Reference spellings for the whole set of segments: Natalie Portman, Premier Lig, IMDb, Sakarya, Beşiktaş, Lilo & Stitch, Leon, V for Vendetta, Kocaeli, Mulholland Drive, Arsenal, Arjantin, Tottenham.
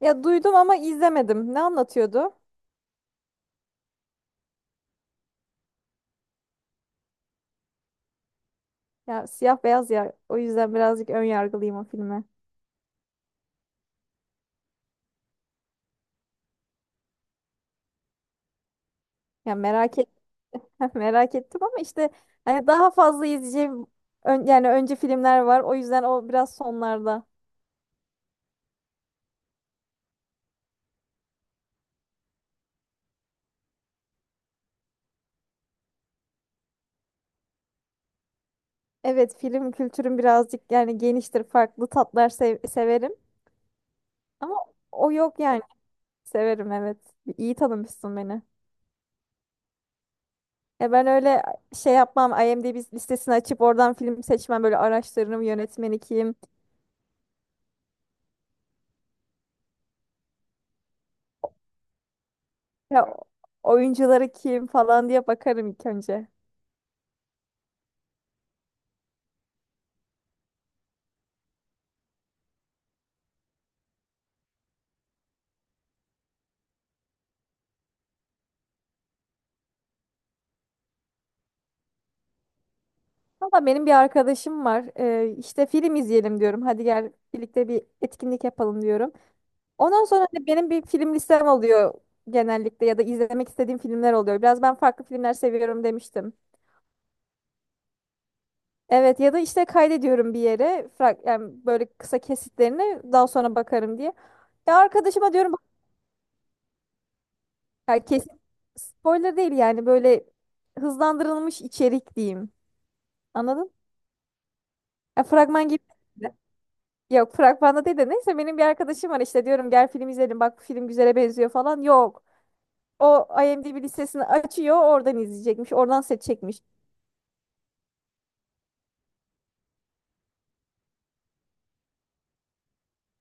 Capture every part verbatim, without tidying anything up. Ya duydum ama izlemedim. Ne anlatıyordu? Ya siyah beyaz ya. O yüzden birazcık ön yargılıyım o filme. Ya merak et merak ettim ama işte hani daha fazla izleyeceğim, ön- yani önce filmler var. O yüzden o biraz sonlarda. Evet, film kültürüm birazcık yani geniştir. Farklı tatlar sev- severim. Ama o yok yani. Severim, evet. İyi tanımışsın beni. Ya ben öyle şey yapmam. I M D B listesini açıp oradan film seçmem. Böyle araştırırım. Yönetmeni kim? Ya, oyuncuları kim falan diye bakarım ilk önce. Valla benim bir arkadaşım var. Ee, işte film izleyelim diyorum. Hadi gel, birlikte bir etkinlik yapalım diyorum. Ondan sonra hani benim bir film listem oluyor genellikle, ya da izlemek istediğim filmler oluyor. Biraz ben farklı filmler seviyorum demiştim. Evet, ya da işte kaydediyorum bir yere, frak- yani böyle kısa kesitlerini daha sonra bakarım diye. Ya arkadaşıma diyorum bak, ya kesit spoiler değil yani, böyle hızlandırılmış içerik diyeyim. Anladın? Ya fragman gibi. Yok, fragmanda değil de, neyse, benim bir arkadaşım var işte. Diyorum gel film izleyelim, bak bu film güzele benziyor falan. Yok. O I M D B listesini açıyor, oradan izleyecekmiş, oradan seçecekmiş.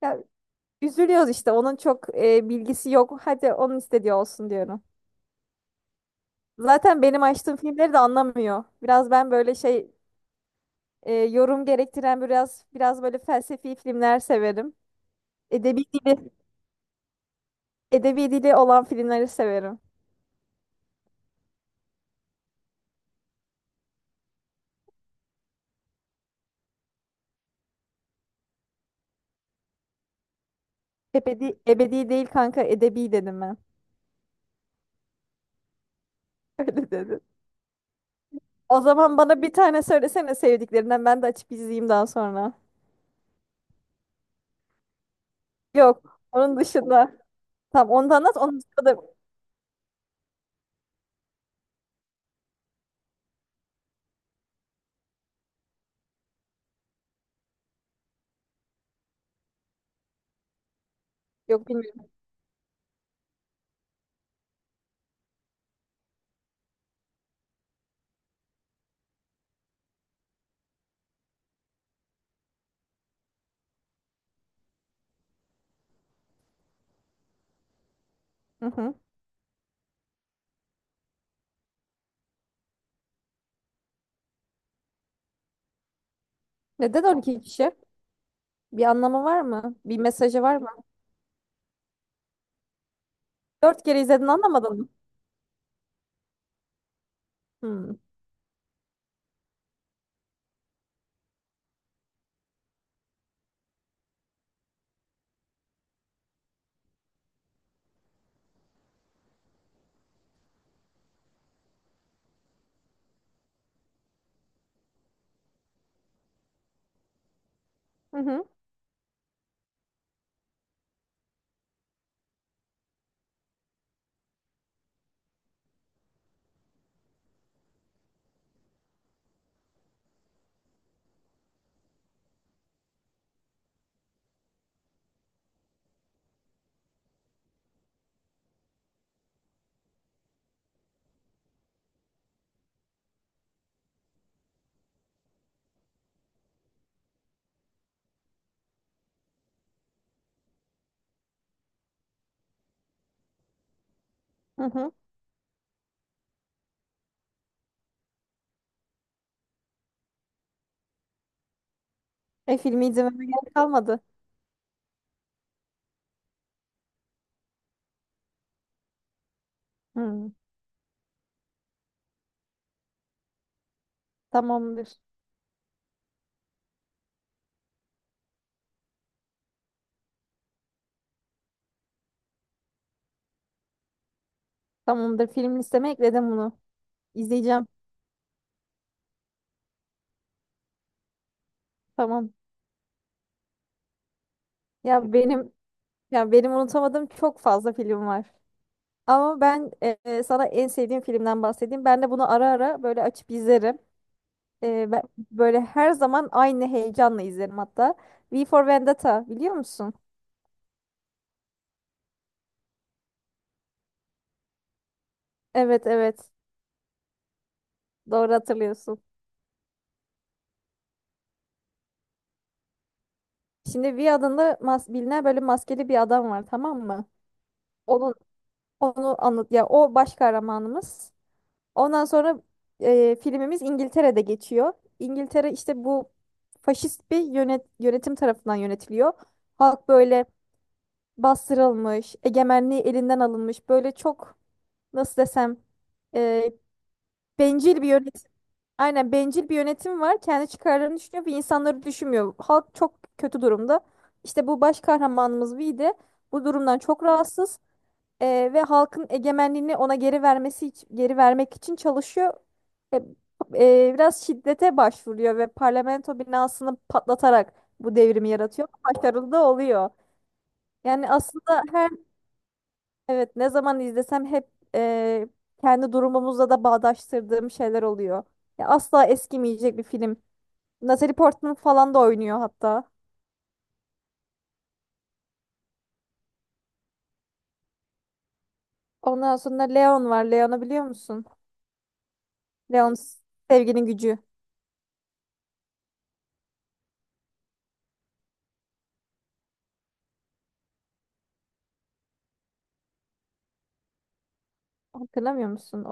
Ya, üzülüyoruz işte, onun çok e, bilgisi yok. Hadi onun istediği olsun diyorum. Zaten benim açtığım filmleri de anlamıyor. Biraz ben böyle şey, e, yorum gerektiren, biraz biraz böyle felsefi filmler severim. Edebi dili, edebi dili olan filmleri severim. Ebedi, ebedi değil kanka, edebi dedim ben. Öyle dedim. O zaman bana bir tane söylesene sevdiklerinden, ben de açıp izleyeyim daha sonra. Yok, onun dışında. Tamam, onu da anlat, onun dışında da. Yok, bilmiyorum. Hı hı. Neden on iki kişi? Bir anlamı var mı? Bir mesajı var mı? Dört kere izledin, anlamadın mı? Hmm. Hı hı. Hı hı. E filmi izlememe gerek kalmadı. Hmm, tamamdır. Tamamdır. Film listeme ekledim bunu. İzleyeceğim. Tamam. Ya benim ya benim unutamadığım çok fazla film var. Ama ben, e, sana en sevdiğim filmden bahsedeyim. Ben de bunu ara ara böyle açıp izlerim. E, ben böyle her zaman aynı heyecanla izlerim hatta. V for Vendetta biliyor musun? Evet, evet. Doğru hatırlıyorsun. Şimdi V adında mas bilinen böyle maskeli bir adam var, tamam mı? Onun onu anlat ya, o baş kahramanımız. Ondan sonra, e, filmimiz İngiltere'de geçiyor. İngiltere işte bu faşist bir yönet yönetim tarafından yönetiliyor. Halk böyle bastırılmış, egemenliği elinden alınmış. Böyle çok, nasıl desem, e, bencil bir yönetim. Aynen, bencil bir yönetim var. Kendi çıkarlarını düşünüyor ve insanları düşünmüyor. Halk çok kötü durumda. İşte bu baş kahramanımız Vee de bu durumdan çok rahatsız. Ee, ve halkın egemenliğini ona geri vermesi iç- geri vermek için çalışıyor. E, e, biraz şiddete başvuruyor ve parlamento binasını patlatarak bu devrimi yaratıyor. Başarılı da oluyor. Yani aslında her, evet, ne zaman izlesem hep, e, kendi durumumuzla da bağdaştırdığım şeyler oluyor. Ya asla eskimeyecek bir film. Natalie Portman falan da oynuyor hatta. Ondan sonra Leon var. Leon'u biliyor musun? Leon, sevginin gücü. Hatırlamıyor musun?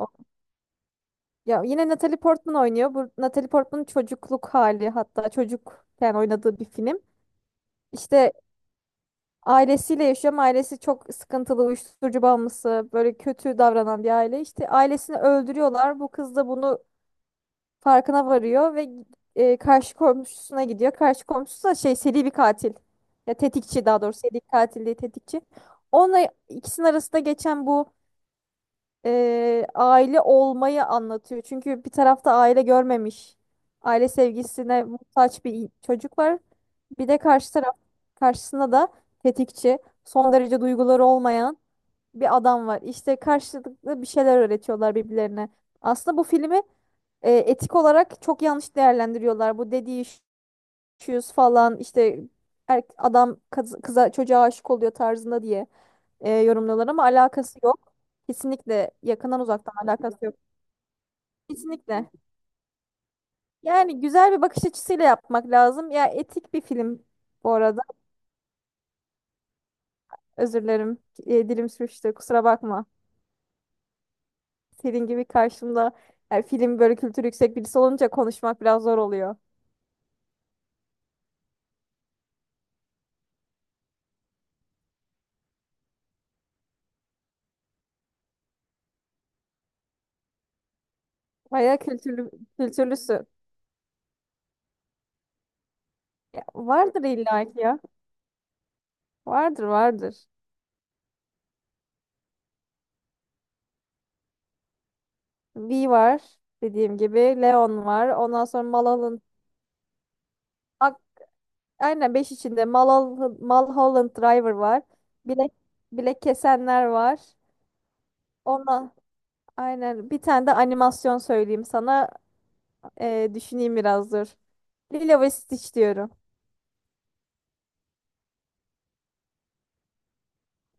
Ya yine Natalie Portman oynuyor. Bu Natalie Portman'ın çocukluk hali, hatta çocukken oynadığı bir film. İşte ailesiyle yaşıyor, ama ailesi çok sıkıntılı, uyuşturucu bağımlısı, böyle kötü davranan bir aile. İşte ailesini öldürüyorlar. Bu kız da bunu farkına varıyor ve e, karşı komşusuna gidiyor. Karşı komşusu da şey, seri bir katil. Ya tetikçi, daha doğrusu seri katil değil, tetikçi. Onunla ikisinin arasında geçen bu, e, aile olmayı anlatıyor. Çünkü bir tarafta aile görmemiş, aile sevgisine muhtaç bir çocuk var. Bir de karşı taraf, karşısında da tetikçi, son derece duyguları olmayan bir adam var. İşte karşılıklı bir şeyler öğretiyorlar birbirlerine. Aslında bu filmi e, etik olarak çok yanlış değerlendiriyorlar. Bu dediği şu, şu falan işte, er- adam kız- kıza, çocuğa aşık oluyor tarzında diye e, yorumluyorlar, ama alakası yok. Kesinlikle yakından uzaktan alakası yok. Kesinlikle. Yani güzel bir bakış açısıyla yapmak lazım. Ya etik bir film bu arada. Özür dilerim. E, dilim sürçtü. Kusura bakma. Senin gibi karşımda, yani film böyle kültürü yüksek birisi olunca, konuşmak biraz zor oluyor. Bayağı kültürlü, kültürlüsün. Ya, vardır illa ki ya. Vardır, vardır. V var dediğim gibi. Leon var. Ondan sonra Malal'ın aynen, beş içinde Malhol- Mulholland Driver var. Bilek, bilek Kesenler var. Ona, aynen, bir tane de animasyon söyleyeyim sana. Ee, düşüneyim biraz, dur. Lilo ve Stitch diyorum.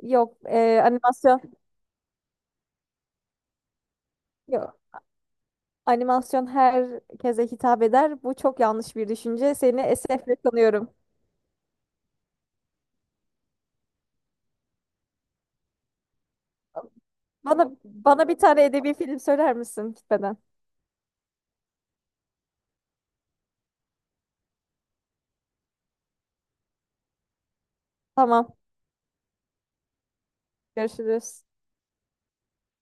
Yok, ee, animasyon. Yok. Animasyon herkese hitap eder. Bu çok yanlış bir düşünce. Seni esefle tanıyorum. Bana, bana bir tane edebi film söyler misin gitmeden? Tamam. Görüşürüz.